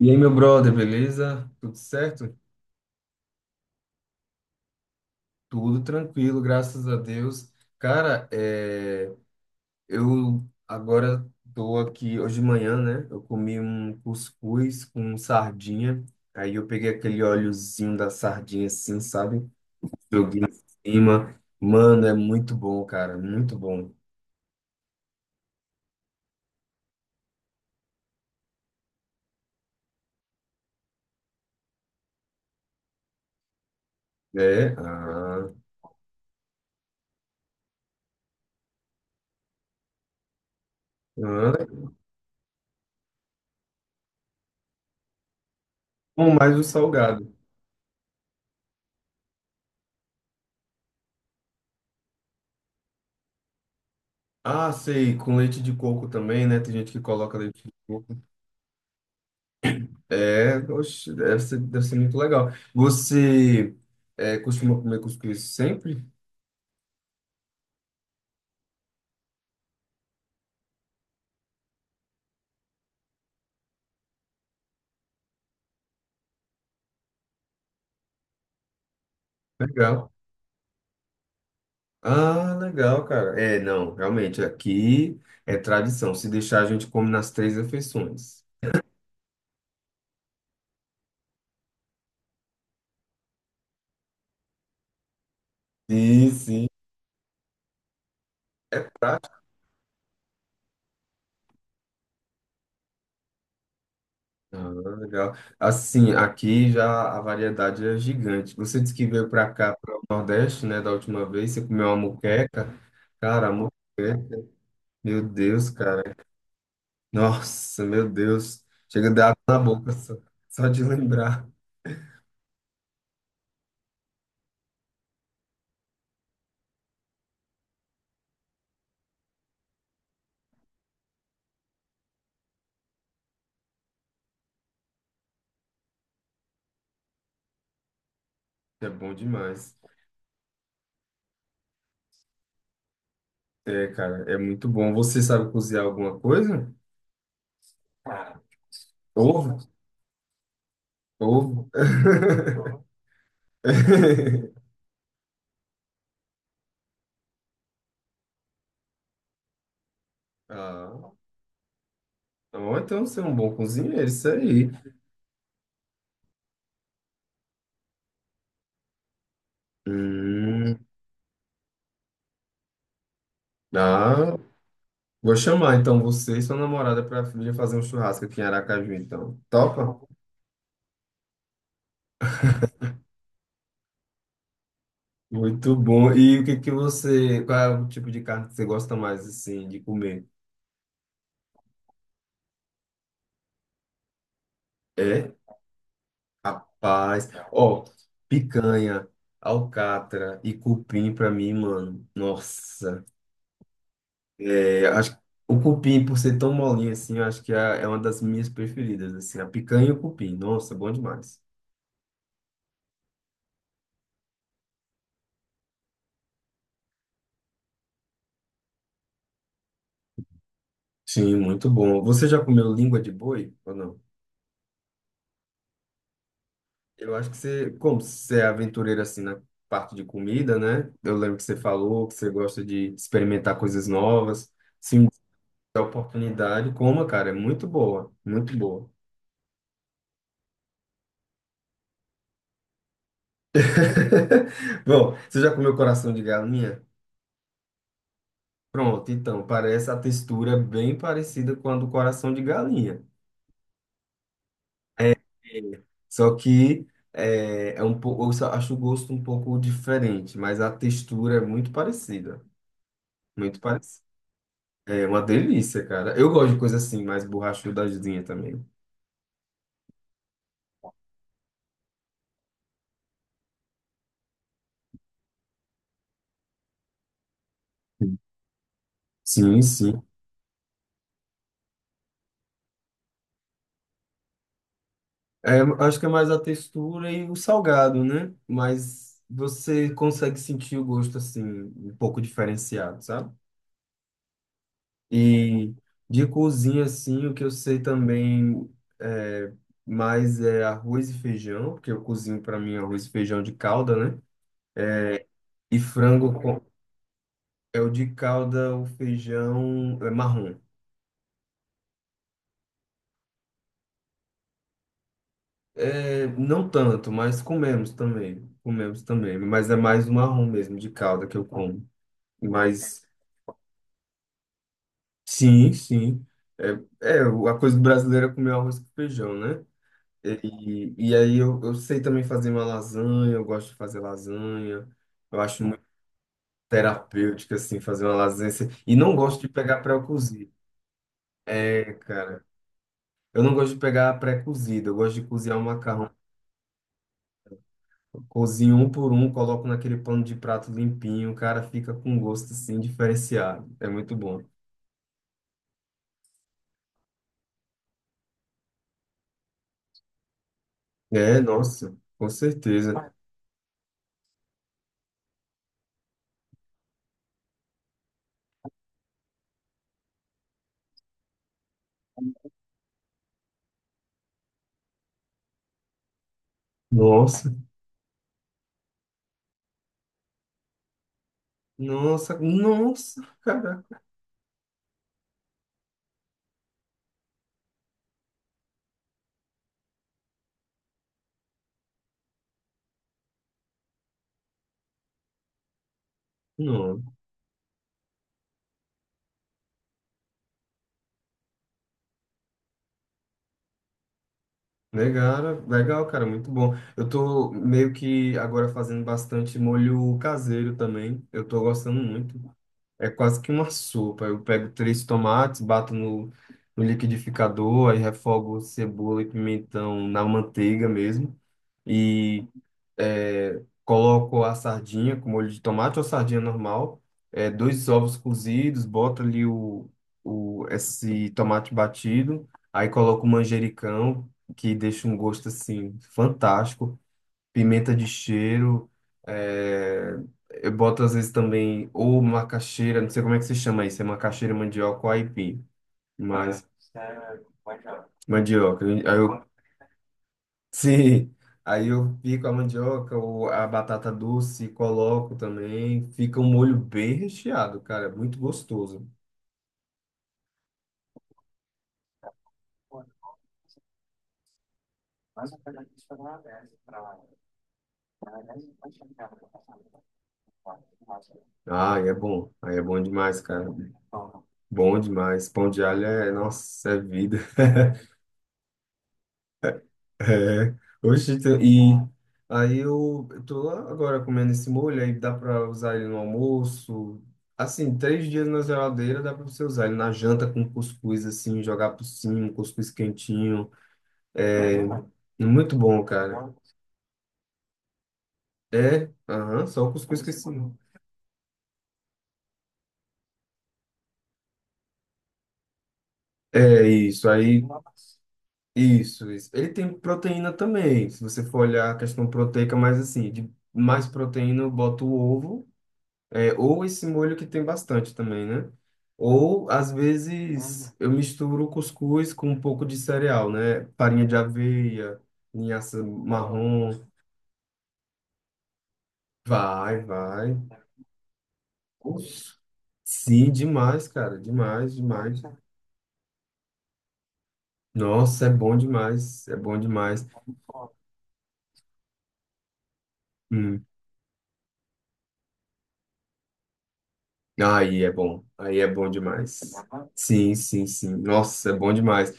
E aí, meu brother, beleza? Tudo certo? Tudo tranquilo, graças a Deus. Cara, eu agora tô aqui hoje de manhã, né? Eu comi um cuscuz com sardinha. Aí eu peguei aquele óleozinho da sardinha assim, sabe? Joguei em cima. Mano, é muito bom, cara, muito bom. É, ah, ah. Bom, mais o salgado. Ah, sei, com leite de coco também, né? Tem gente que coloca leite de coco. É, oxe, deve ser muito legal. Você costuma comer cuscuz sempre? Legal. Ah, legal, cara. É, não, realmente, aqui é tradição. Se deixar, a gente come nas três refeições. Sim, sim. Prático. Ah, legal. Assim, aqui já a variedade é gigante. Você disse que veio para cá, para o Nordeste, né, da última vez, você comeu uma moqueca. Cara, a moqueca, meu Deus, cara. Nossa, meu Deus. Chega a dar água na boca só, só de lembrar. É bom demais. É, cara, é muito bom. Você sabe cozinhar alguma coisa? Ovo? Ovo? Ah, então você é um bom cozinheiro, isso aí. Hum, ah, vou chamar então você e sua namorada para vir fazer um churrasco aqui em Aracaju, então. Topa? Muito bom. E o que que você, qual é o tipo de carne que você gosta mais assim de comer? É? Rapaz, ó, picanha, alcatra e cupim pra mim, mano. Nossa, acho que o cupim, por ser tão molinho assim, eu acho que é, é uma das minhas preferidas, assim, a picanha e o cupim. Nossa, bom demais. Sim, muito bom. Você já comeu língua de boi ou não? Eu acho que você, como você é aventureiro assim na parte de comida, né? Eu lembro que você falou que você gosta de experimentar coisas novas. Se um tiver oportunidade, coma, cara, é muito boa, muito boa. Bom, você já comeu coração de galinha? Pronto, então, parece a textura bem parecida com a do coração de galinha. É. Só que é um pouco, eu só acho o gosto um pouco diferente, mas a textura é muito parecida. Muito parecida. É uma delícia, cara. Eu gosto de coisa assim, mais borrachudazinha também. Sim, sim. É, acho que é mais a textura e o salgado, né? Mas você consegue sentir o gosto assim, um pouco diferenciado, sabe? E de cozinha, assim, o que eu sei também é, mais é arroz e feijão, porque eu cozinho para mim arroz e feijão de calda, né? E frango com- é o de calda, o feijão é marrom. É, não tanto, mas comemos também. Comemos também, mas é mais o marrom mesmo, de calda que eu como. Mas sim, sim. É a coisa brasileira é comer arroz com feijão, né? Eu sei também fazer uma lasanha, eu gosto de fazer lasanha. Eu acho muito terapêutico, assim, fazer uma lasanha. Assim. E não gosto de pegar pré-cozido. É, cara. Eu não gosto de pegar pré-cozido. Eu gosto de cozinhar o macarrão. Cozinho um por um, coloco naquele pano de prato limpinho. Cara, fica com gosto, assim, diferenciado. É muito bom. É, nossa, com certeza. Nossa, nossa, cara. Legal, legal, cara, muito bom. Eu tô meio que agora fazendo bastante molho caseiro também. Eu tô gostando muito. É quase que uma sopa. Eu pego três tomates, bato no, no liquidificador, aí refogo cebola e pimentão na manteiga mesmo. E coloco a sardinha com molho de tomate ou sardinha normal, dois ovos cozidos, boto ali o, esse tomate batido, aí coloco o manjericão, que deixa um gosto assim fantástico, pimenta de cheiro, é, eu boto às vezes também ou macaxeira, não sei como é que se chama isso, é macaxeira, mandioca ou aipim, mas mandioca, aí eu Sim, aí eu pico a mandioca ou a batata doce, coloco também. Fica um molho bem recheado, cara. É Muito gostoso. Ah, é bom. Aí é bom demais, cara. Bom demais. Pão de alho é, nossa, é vida. É. Oxe, então, e aí eu tô agora comendo esse molho, aí dá pra usar ele no almoço. Assim, três dias na geladeira dá pra você usar ele na janta com cuscuz, assim, jogar por cima, um cuscuz quentinho. É muito bom, cara. É, aham, só o cuscuz que sim. É isso, aí. Isso, isso. Ele tem proteína também. Se você for olhar a questão proteica, mas assim, de mais proteína, eu boto o ovo, ou esse molho que tem bastante também, né? Ou, às vezes, eu misturo o cuscuz com um pouco de cereal, né? Farinha de aveia, linhaça marrom. Vai, vai. Oxe, Sim, demais, cara. Demais, demais. Nossa, é bom demais. É bom demais. Aí é bom demais. Sim, sim, sim. Nossa, é bom demais.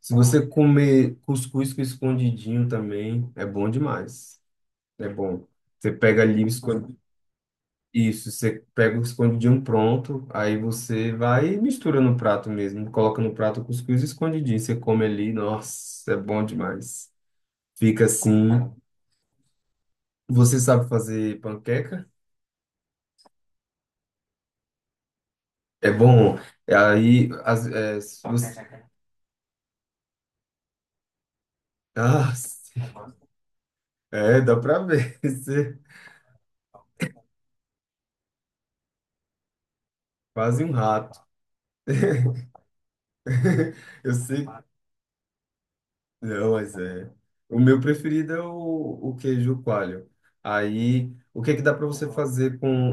Se você comer cuscuz com escondidinho também, é bom demais. É bom. Você pega ali o escon- isso, você pega o escondidinho pronto, aí você vai e mistura no prato mesmo, coloca no prato o cuscuz e escondidinho, você come ali, nossa, é bom demais. Fica assim. Você sabe fazer panqueca? É bom. Aí, as, é, se você... Ah, É, dá pra ver. Você é quase um rato. Eu sei. Não, mas é. O meu preferido é o queijo coalho. Aí, o que é que dá pra você fazer com.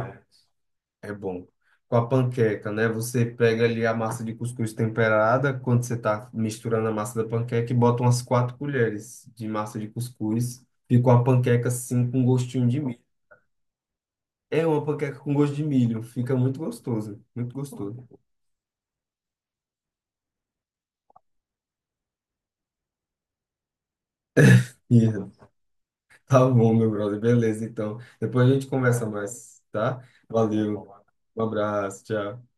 É bom. Com a panqueca, né? Você pega ali a massa de cuscuz temperada, quando você tá misturando a massa da panqueca, e bota umas quatro colheres de massa de cuscuz. Fica uma panqueca assim, com gostinho de milho. É uma panqueca com gosto de milho. Fica muito gostoso. Muito gostoso. Tá bom, meu brother. Beleza, então. Depois a gente conversa mais, tá? Valeu. Um abraço, tchau.